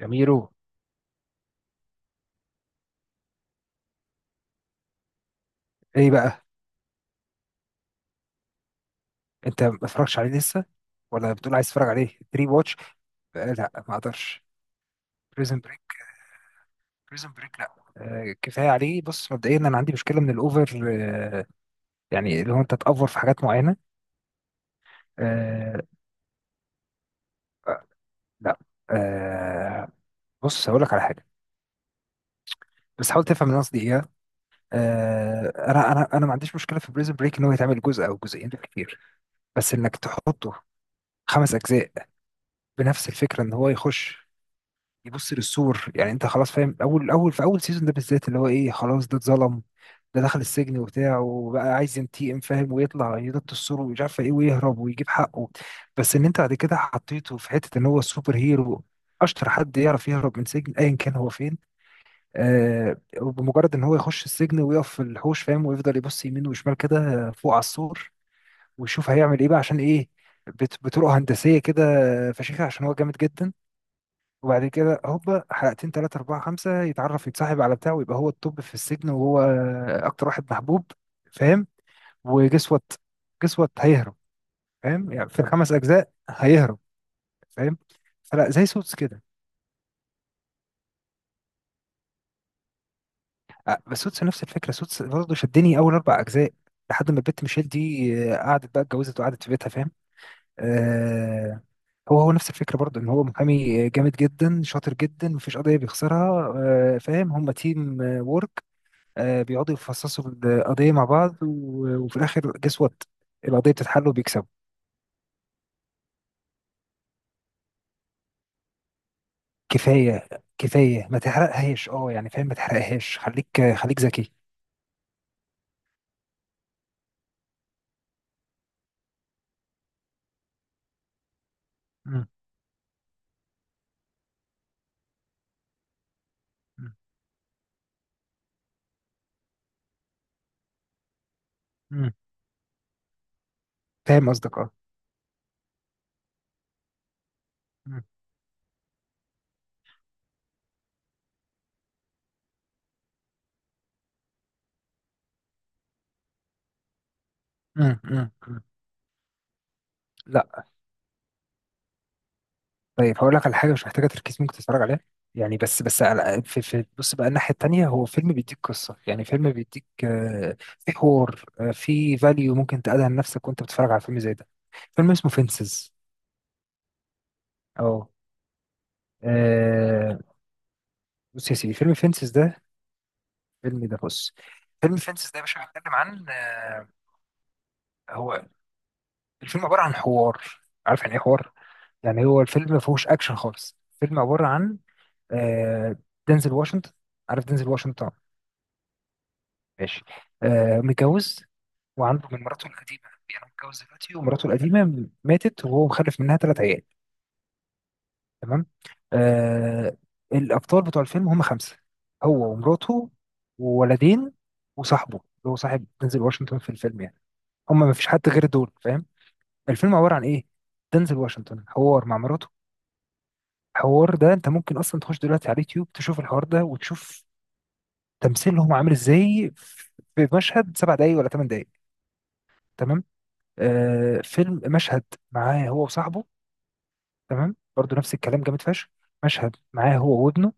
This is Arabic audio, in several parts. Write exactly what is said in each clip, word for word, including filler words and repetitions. يا ميرو، ايه بقى؟ انت ما اتفرجتش عليه لسه ولا بتقول عايز تتفرج عليه بري واتش؟ آه، لا ما اقدرش. بريزن بريك، بريزن بريك، لا آه كفايه عليه. بص مبدئيا انا عندي مشكله من الاوفر، آه يعني اللي هو انت تأفور في حاجات معينه. آه آه، لا آه بص هقول لك على حاجه، بس حاول تفهم اللي أنا قصدي ايه. آه انا انا انا ما عنديش مشكله في بريزن بريك ان هو يتعمل جزء او جزئين بالكتير، بس انك تحطه خمس اجزاء بنفس الفكره ان هو يخش يبص للسور. يعني انت خلاص فاهم، اول اول في اول سيزون ده بالذات اللي هو ايه، خلاص ده اتظلم، ده دخل السجن وبتاع، وبقى عايز ينتقم فاهم، ويطلع ينط السور ومش عارف ايه ويهرب ويجيب حقه. بس ان انت بعد كده حطيته في حته ان هو سوبر هيرو، اشطر حد يعرف يهرب من سجن ايا كان هو فين. آه بمجرد ان هو يخش السجن ويقف في الحوش فاهم، ويفضل يبص يمين وشمال كده فوق على السور، ويشوف هيعمل ايه بقى عشان ايه، بت- بطرق هندسيه كده فشيخه عشان هو جامد جدا. وبعد كده هوبا حلقتين تلاتة أربعة خمسة يتعرف يتصاحب على بتاعه ويبقى هو التوب في السجن وهو أكتر واحد محبوب فاهم. وجس وات، جس وات هيهرب، فاهم يعني في الخمس أجزاء هيهرب، فاهم؟ فلا، زي سوتس كده. آه، بس سوتس نفس الفكرة، سوتس برضه شدني أول أربع أجزاء لحد ما البت ميشيل دي آه، قعدت بقى اتجوزت وقعدت في بيتها فاهم. آه هو هو نفس الفكرة برضه إن هو محامي جامد جدا شاطر جدا مفيش قضية بيخسرها. آه فاهم، هما تيم وورك. آه، بيقعدوا يفصصوا القضية مع بعض و- وفي الآخر جس وات القضية بتتحل وبيكسبوا. كفاية، كفاية ما تحرقهاش اه، يعني فاهم ما تحرقهاش، خليك خليك ذكي. مم، مم، مم. فاهم قصدك اه. مم، مم، مم، مم. لا، طيب هقول لك على حاجة مش محتاجة تركيز ممكن تتفرج عليها. يعني بس بس على في في بص بقى، الناحية التانية، هو فيلم بيديك قصة، يعني فيلم بيديك آه، في حوار، آه، في فاليو ممكن تقعدها لنفسك وانت بتتفرج على فيلم زي ده. فيلم اسمه فينسز. اه آه، بص يا سيدي فيلم فينسز ده، فيلم ده، بص فيلم فينسز ده يا باشا بيتكلم عن آه، هو الفيلم عبارة عن حوار. عارف يعني ايه حوار؟ يعني هو الفيلم ما فيهوش اكشن خالص، الفيلم عبارة عن آه، دينزل واشنطن. عارف دينزل واشنطن؟ ماشي. آه، متجوز وعنده من مراته القديمة، يعني هو متجوز دلوقتي ومراته القديمة ماتت وهو مخلف منها ثلاث عيال. تمام. آه. الابطال بتوع الفيلم هم خمسه، هو ومراته وولدين وصاحبه اللي هو صاحب دنزل واشنطن في الفيلم يعني، هم ما فيش حد غير دول فاهم. الفيلم عباره عن ايه؟ دنزل واشنطن حوار مع مراته، الحوار ده انت ممكن اصلا تخش دلوقتي على اليوتيوب تشوف الحوار ده وتشوف تمثيلهم عامل ازاي في مشهد سبع دقايق ولا ثمان دقايق. تمام. آه، فيلم مشهد معاه هو وصاحبه، تمام برضو نفس الكلام جامد فشخ. مشهد معاه هو وابنه،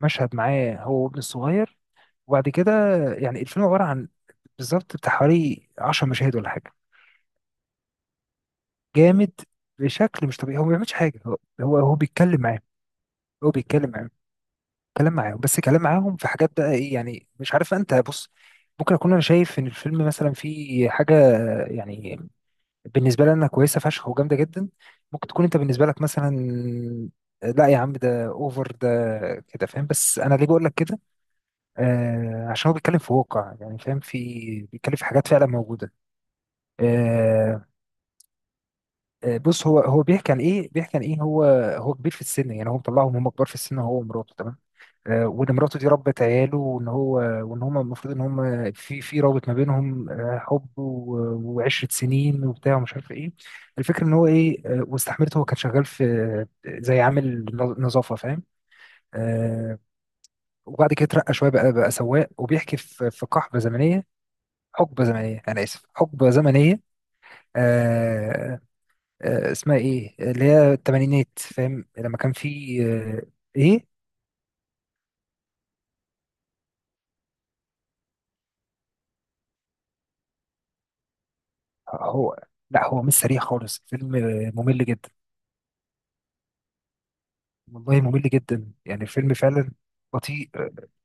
مشهد معاه هو وابنه الصغير. وبعد كده يعني الفيلم عبارة عن بالظبط بتاع حوالي عشرة مشاهد ولا حاجة. جامد بشكل مش طبيعي. هو ما بيعملش حاجة، هو هو هو بيتكلم معاهم. هو بيتكلم معاهم، كلام معاهم بس كلام معاهم في حاجات بقى ايه يعني مش عارف انت، بص ممكن اكون انا شايف ان الفيلم مثلا فيه حاجة يعني بالنسبة لي انا كويسة فشخ وجامدة جدا، ممكن تكون انت بالنسبة لك مثلا لا يا عم ده اوفر ده كده فاهم، بس انا ليه بقول لك كده؟ آه عشان هو بيتكلم في واقع يعني فاهم، في بيتكلم في حاجات فعلا موجودة. آه، آه، بص هو هو بيحكي عن ايه، بيحكي عن ايه هو، هو كبير في السن يعني، هو مطلعهم هم كبار في السن هو ومراته تمام. آه، وان مراته دي ربت عياله، وان هو وان هم المفروض ان هم في في رابط ما بينهم آه، حب و- وعشرة سنين وبتاع ومش عارف ايه. الفكره ان هو ايه، آه، واستحملته، هو كان شغال في آه، زي عامل نظافه فاهم. آه، وبعد كده اترقى شويه بقى بقى سواق، وبيحكي في في قحبه زمنيه، حقبه زمنيه انا اسف، حقبه زمنيه آه، آه، اسمها ايه اللي هي التمانينات فاهم، لما كان في آه، ايه هو لا هو مش سريع خالص الفيلم، آه، ممل جدا. والله ممل جدا يعني الفيلم فعلا بطيء،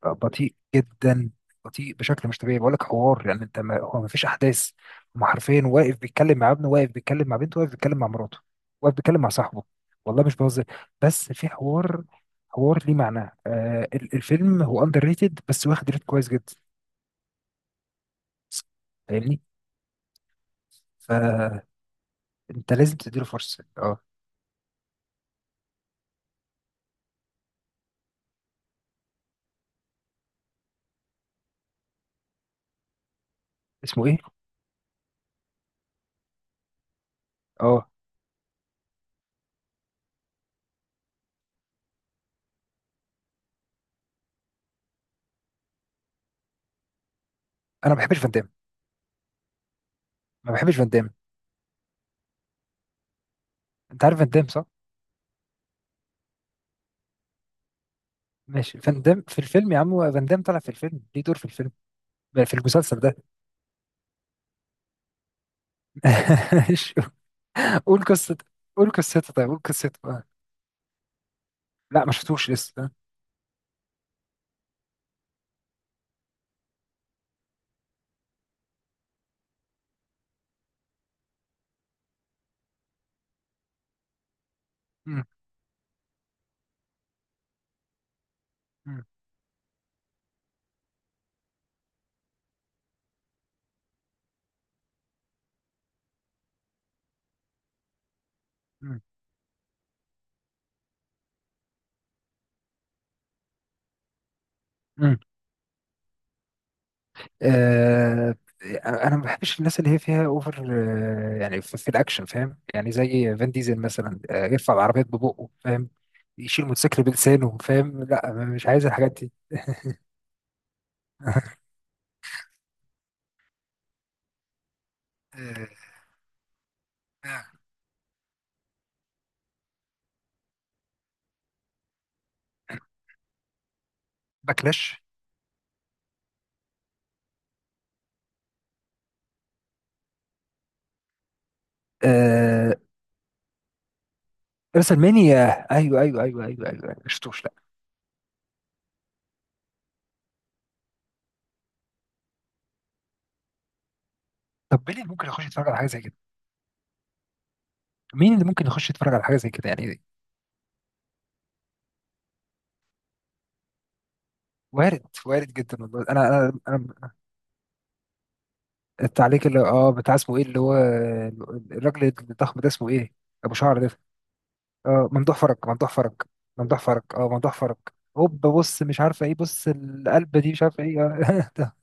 آه، بطيء جدا، بطيء بشكل مش طبيعي. بقول لك حوار يعني انت ما هو ما فيش احداث، هم حرفيا واقف بيتكلم مع ابنه، واقف بيتكلم مع بنته، واقف بيتكلم مع مراته، واقف بيتكلم مع صاحبه. والله مش بهزر، بس في حوار، حوار ليه معنى. آه ال- الفيلم هو اندر ريتد بس واخد ريت كويس جدا. فاهمني؟ فانت لازم تديله فرصه اه. اسمه ايه؟ اه. انا ما بحبش فان دام، ما بحبش فان دام. انت عارف فان دام صح؟ ماشي، فان دام في الفيلم يا عم، فان دام طلع في الفيلم، ليه دور في الفيلم في المسلسل ده. ماشي. قول قصته، قول قصته، طيب قول قصته آه. لا ما شفتوش لسه اه. مم. مم. مم. آه، انا ما بحبش الناس اللي هي فيها اوفر، آه، يعني في, في الاكشن فاهم، يعني زي فان ديزل مثلا آه، يرفع العربيات ببقه فاهم، يشيل موتوسيكل بلسانه فاهم، لا مش عايز الحاجات دي. آه، آه، باكلاش، آه رسلمانيا. ايوه ايوه ايوه ايوه ايوه، أيوة، ما شفتوش لا. طب مين اللي ممكن يخش يتفرج على حاجه زي كده، مين اللي ممكن يخش يتفرج على حاجه زي كده يعني؟ وارد، وارد جدا والله، انا انا انا التعليق اللي اه بتاع اسمه ايه اللي هو الراجل الضخم ده اسمه ايه، ابو شعر ده؟ اه ممدوح فرج، ممدوح فرج، ممدوح فرج، اه ممدوح فرج. هوب، بص مش عارفه ايه، بص القلبه دي مش عارفه ايه آه، ده.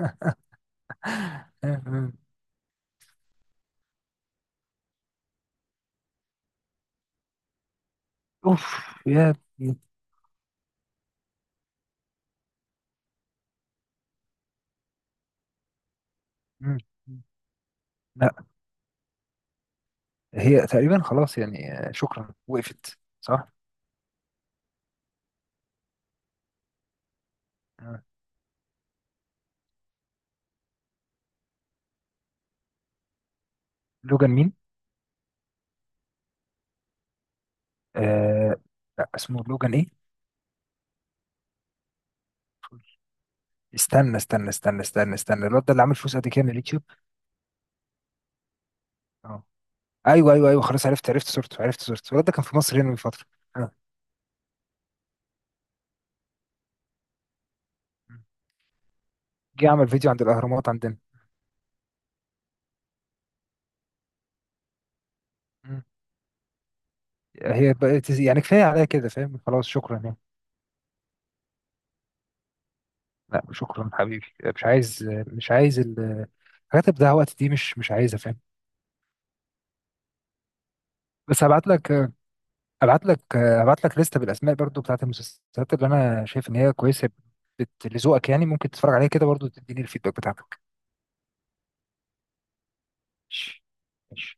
آه، آه. اوف، يا ابني. مم. لا هي تقريبا خلاص يعني آه، شكرا وقفت، صح آه. لوجان مين؟ آه لا اسمه لوجان ايه؟ استنى استنى استنى استنى استنى الواد ده اللي عامل فلوس قد كده من اليوتيوب؟ اه، ايوه ايوه ايوه خلاص عرفت، عرفت صورته، عرفت صورته. الولد ده كان في مصر هنا من فتره. آه. جه عمل فيديو عند الاهرامات عندنا. مم. هي بقت يعني كفايه عليا كده فاهم، خلاص شكرا يعني. لا شكرا حبيبي، مش عايز، مش عايز ال- الحاجات اللي بتضيع وقت دي، مش مش عايزها فاهم. بس هبعت لك هبعت لك هبعت لك لسته بالاسماء برضو بتاعت المسلسلات اللي انا شايف ان هي كويسه، بت... لذوقك يعني ممكن تتفرج عليها كده برضو، تديني الفيدباك بتاعتك. ماشي، ماشي.